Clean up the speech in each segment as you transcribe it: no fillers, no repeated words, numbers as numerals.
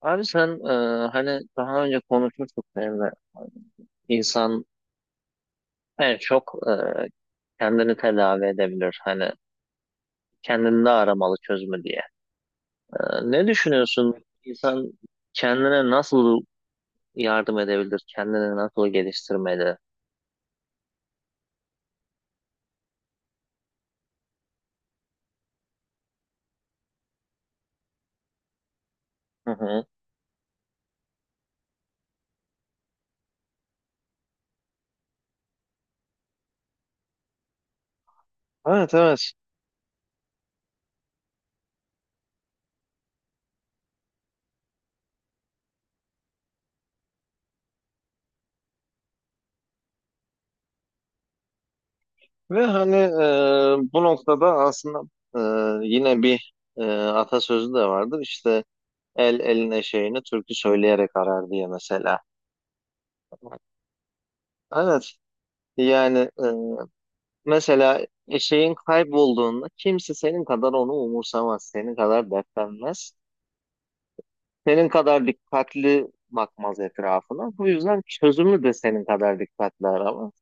Abi sen hani daha önce konuşmuştuk seninle. İnsan en çok e, kendini tedavi edebilir. Hani kendinde aramalı çözümü diye. E, Ne düşünüyorsun? İnsan kendine nasıl yardım edebilir? Kendini nasıl geliştirmeli? Hı hı. Evet, evet, ve hani bu noktada aslında atasözü de vardır işte, el eline şeyini türkü söyleyerek arar diye mesela. Evet, yani mesela şeyin kaybolduğunda kimse senin kadar onu umursamaz, senin kadar dertlenmez, senin kadar dikkatli bakmaz etrafına. Bu yüzden çözümü de senin kadar dikkatli aramaz.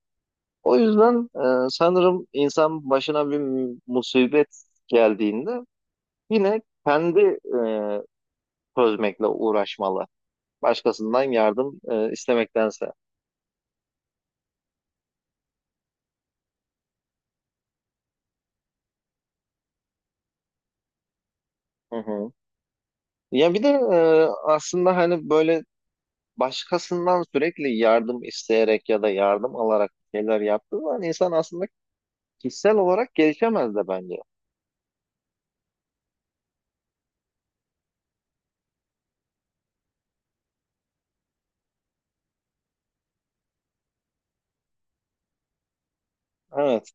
O yüzden sanırım insan başına bir musibet geldiğinde yine kendi çözmekle uğraşmalı. Başkasından yardım istemektense. Hı hı. Ya bir de aslında hani böyle başkasından sürekli yardım isteyerek ya da yardım alarak bir şeyler yaptığı zaman insan aslında kişisel olarak gelişemez de bence. Evet.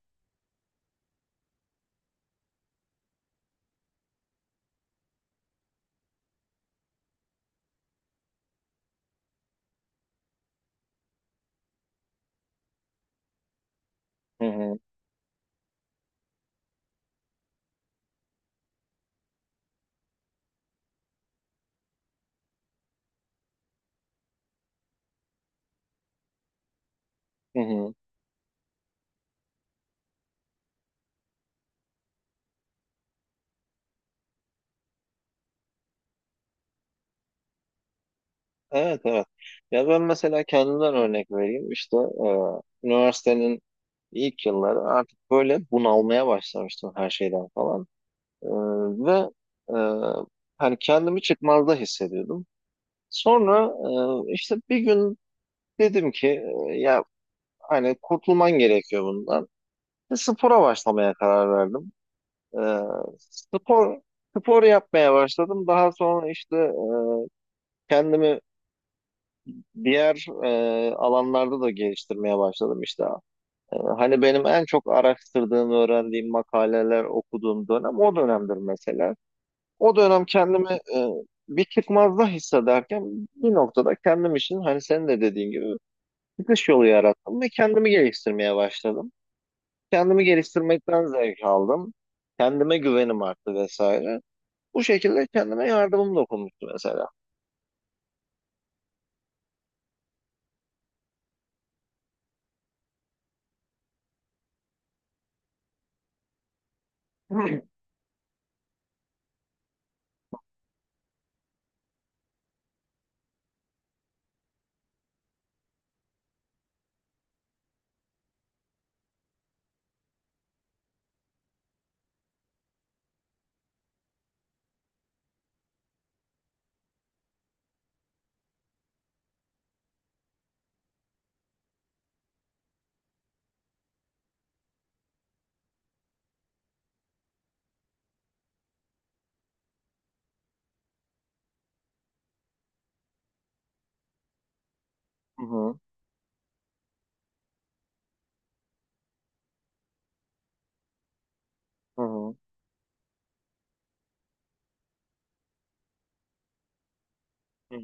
Hı hı. Hı hı. Evet, evet. Ya ben mesela kendimden örnek vereyim. İşte üniversitenin ilk yılları artık böyle bunalmaya başlamıştım her şeyden falan. E, ve e, hani kendimi çıkmazda hissediyordum. Sonra işte bir gün dedim ki ya hani kurtulman gerekiyor bundan. Ve spora başlamaya karar verdim. Ee, spor spor yapmaya başladım. Daha sonra işte kendimi diğer alanlarda da geliştirmeye başladım işte. Hani benim en çok araştırdığım, öğrendiğim, makaleler okuduğum dönem o dönemdir mesela. O dönem kendimi e, bir çıkmazda hissederken bir noktada kendim için hani senin de dediğin gibi çıkış yolu yarattım ve kendimi geliştirmeye başladım. Kendimi geliştirmekten zevk aldım. Kendime güvenim arttı vesaire. Bu şekilde kendime yardımım dokunmuştu mesela. Hı hı, hı hı, hı hı,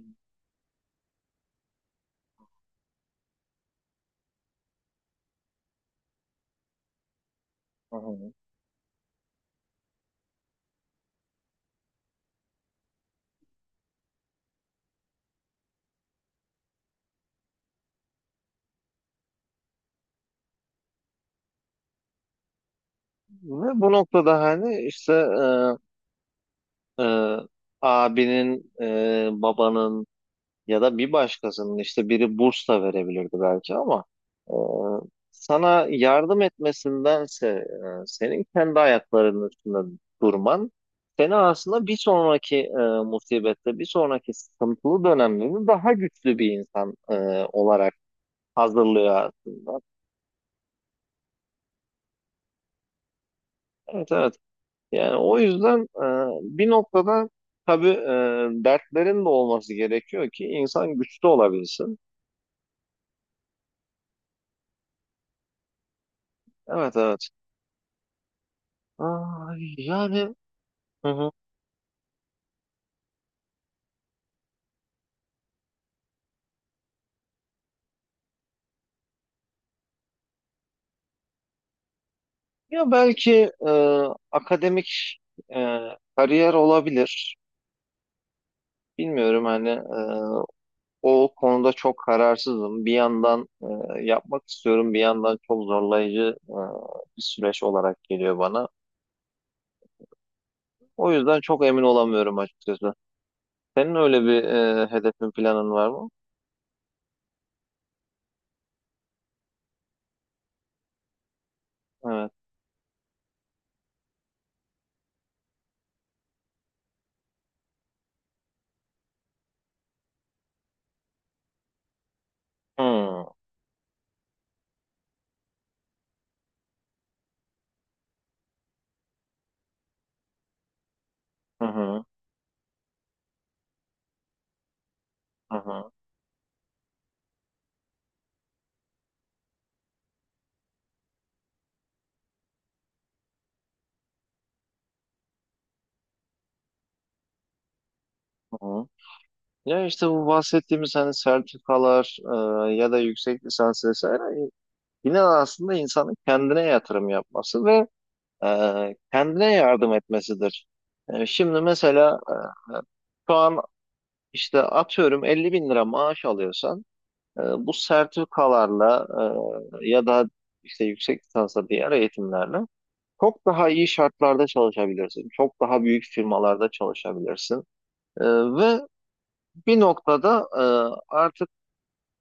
hı hı. Ve bu noktada hani işte e, abinin, babanın, ya da bir başkasının işte, biri burs da verebilirdi belki, ama e, sana yardım etmesindense senin kendi ayaklarının üstünde durman seni aslında bir sonraki musibette, bir sonraki sıkıntılı dönemlerini daha güçlü bir insan olarak hazırlıyor aslında. Evet, evet. Yani o yüzden bir noktada tabii dertlerin de olması gerekiyor ki insan güçlü olabilsin. Evet, evet. Ay, yani... Hı hı. Ya belki akademik e, kariyer olabilir. Bilmiyorum, hani o konuda çok kararsızım. Bir yandan yapmak istiyorum, bir yandan çok zorlayıcı bir süreç olarak geliyor bana. O yüzden çok emin olamıyorum açıkçası. Senin öyle bir hedefin, planın var mı? Evet. Hmm. Hı hı, hı hı, hı hı. Ya işte bu bahsettiğimiz hani sertifikalar, ya da yüksek lisans vesaire, yine aslında insanın kendine yatırım yapması ve e, kendine yardım etmesidir. Şimdi mesela şu an işte atıyorum 50 bin lira maaş alıyorsan, e, bu sertifikalarla ya da işte yüksek lisansa diğer eğitimlerle çok daha iyi şartlarda çalışabilirsin. Çok daha büyük firmalarda çalışabilirsin. Ve bir noktada artık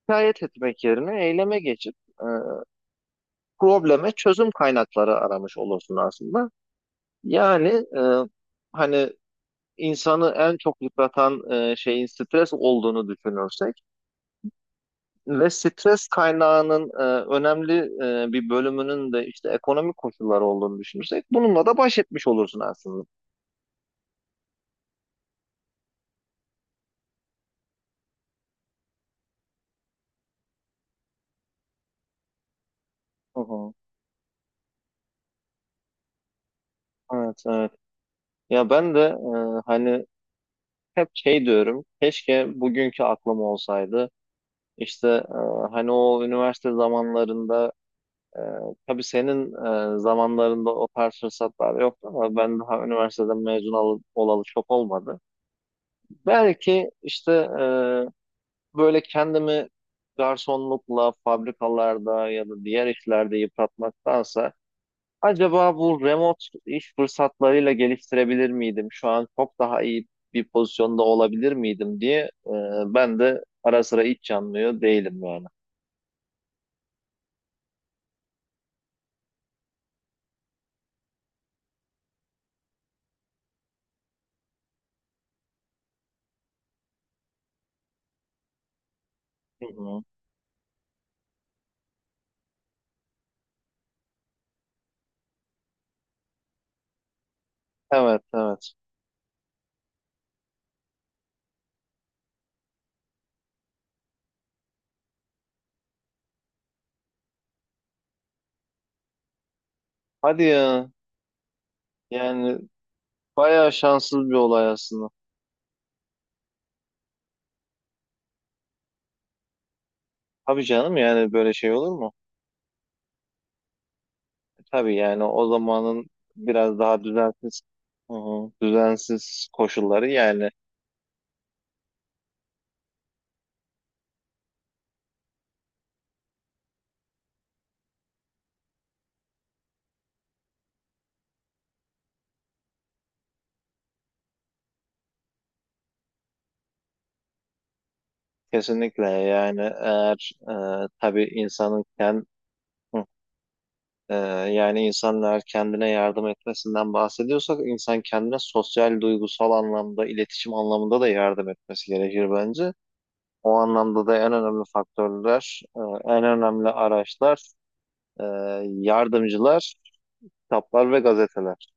şikayet etmek yerine eyleme geçip e, probleme çözüm kaynakları aramış olursun aslında. Yani e, hani insanı en çok yıpratan şeyin stres olduğunu düşünürsek ve stres kaynağının önemli bir bölümünün de işte ekonomik koşullar olduğunu düşünürsek bununla da baş etmiş olursun aslında. Hı hı. Evet, evet. Ya ben de hani hep şey diyorum, keşke bugünkü aklım olsaydı. İşte hani o üniversite zamanlarında. Ee, tabii senin zamanlarında o tarz fırsatlar yoktu, ama ben daha üniversiteden mezun olalı çok olmadı. Belki işte böyle kendimi garsonlukla, fabrikalarda ya da diğer işlerde yıpratmaktansa, acaba bu remote iş fırsatlarıyla geliştirebilir miydim? Şu an çok daha iyi bir pozisyonda olabilir miydim diye e, ben de ara sıra iç yanmıyor değilim yani. Hı hı. Evet, evet. Hadi ya. Yani bayağı şanssız bir olay aslında. Tabii canım, yani böyle şey olur mu? Tabii, yani o zamanın biraz daha düzensiz, hı hı, düzensiz koşulları yani. Kesinlikle, yani eğer tabii insanın kend, hı, e, yani insanlar kendine yardım etmesinden bahsediyorsak, insan kendine sosyal, duygusal anlamda, iletişim anlamında da yardım etmesi gerekir bence. O anlamda da en önemli faktörler, en önemli araçlar, e, yardımcılar, kitaplar ve gazeteler.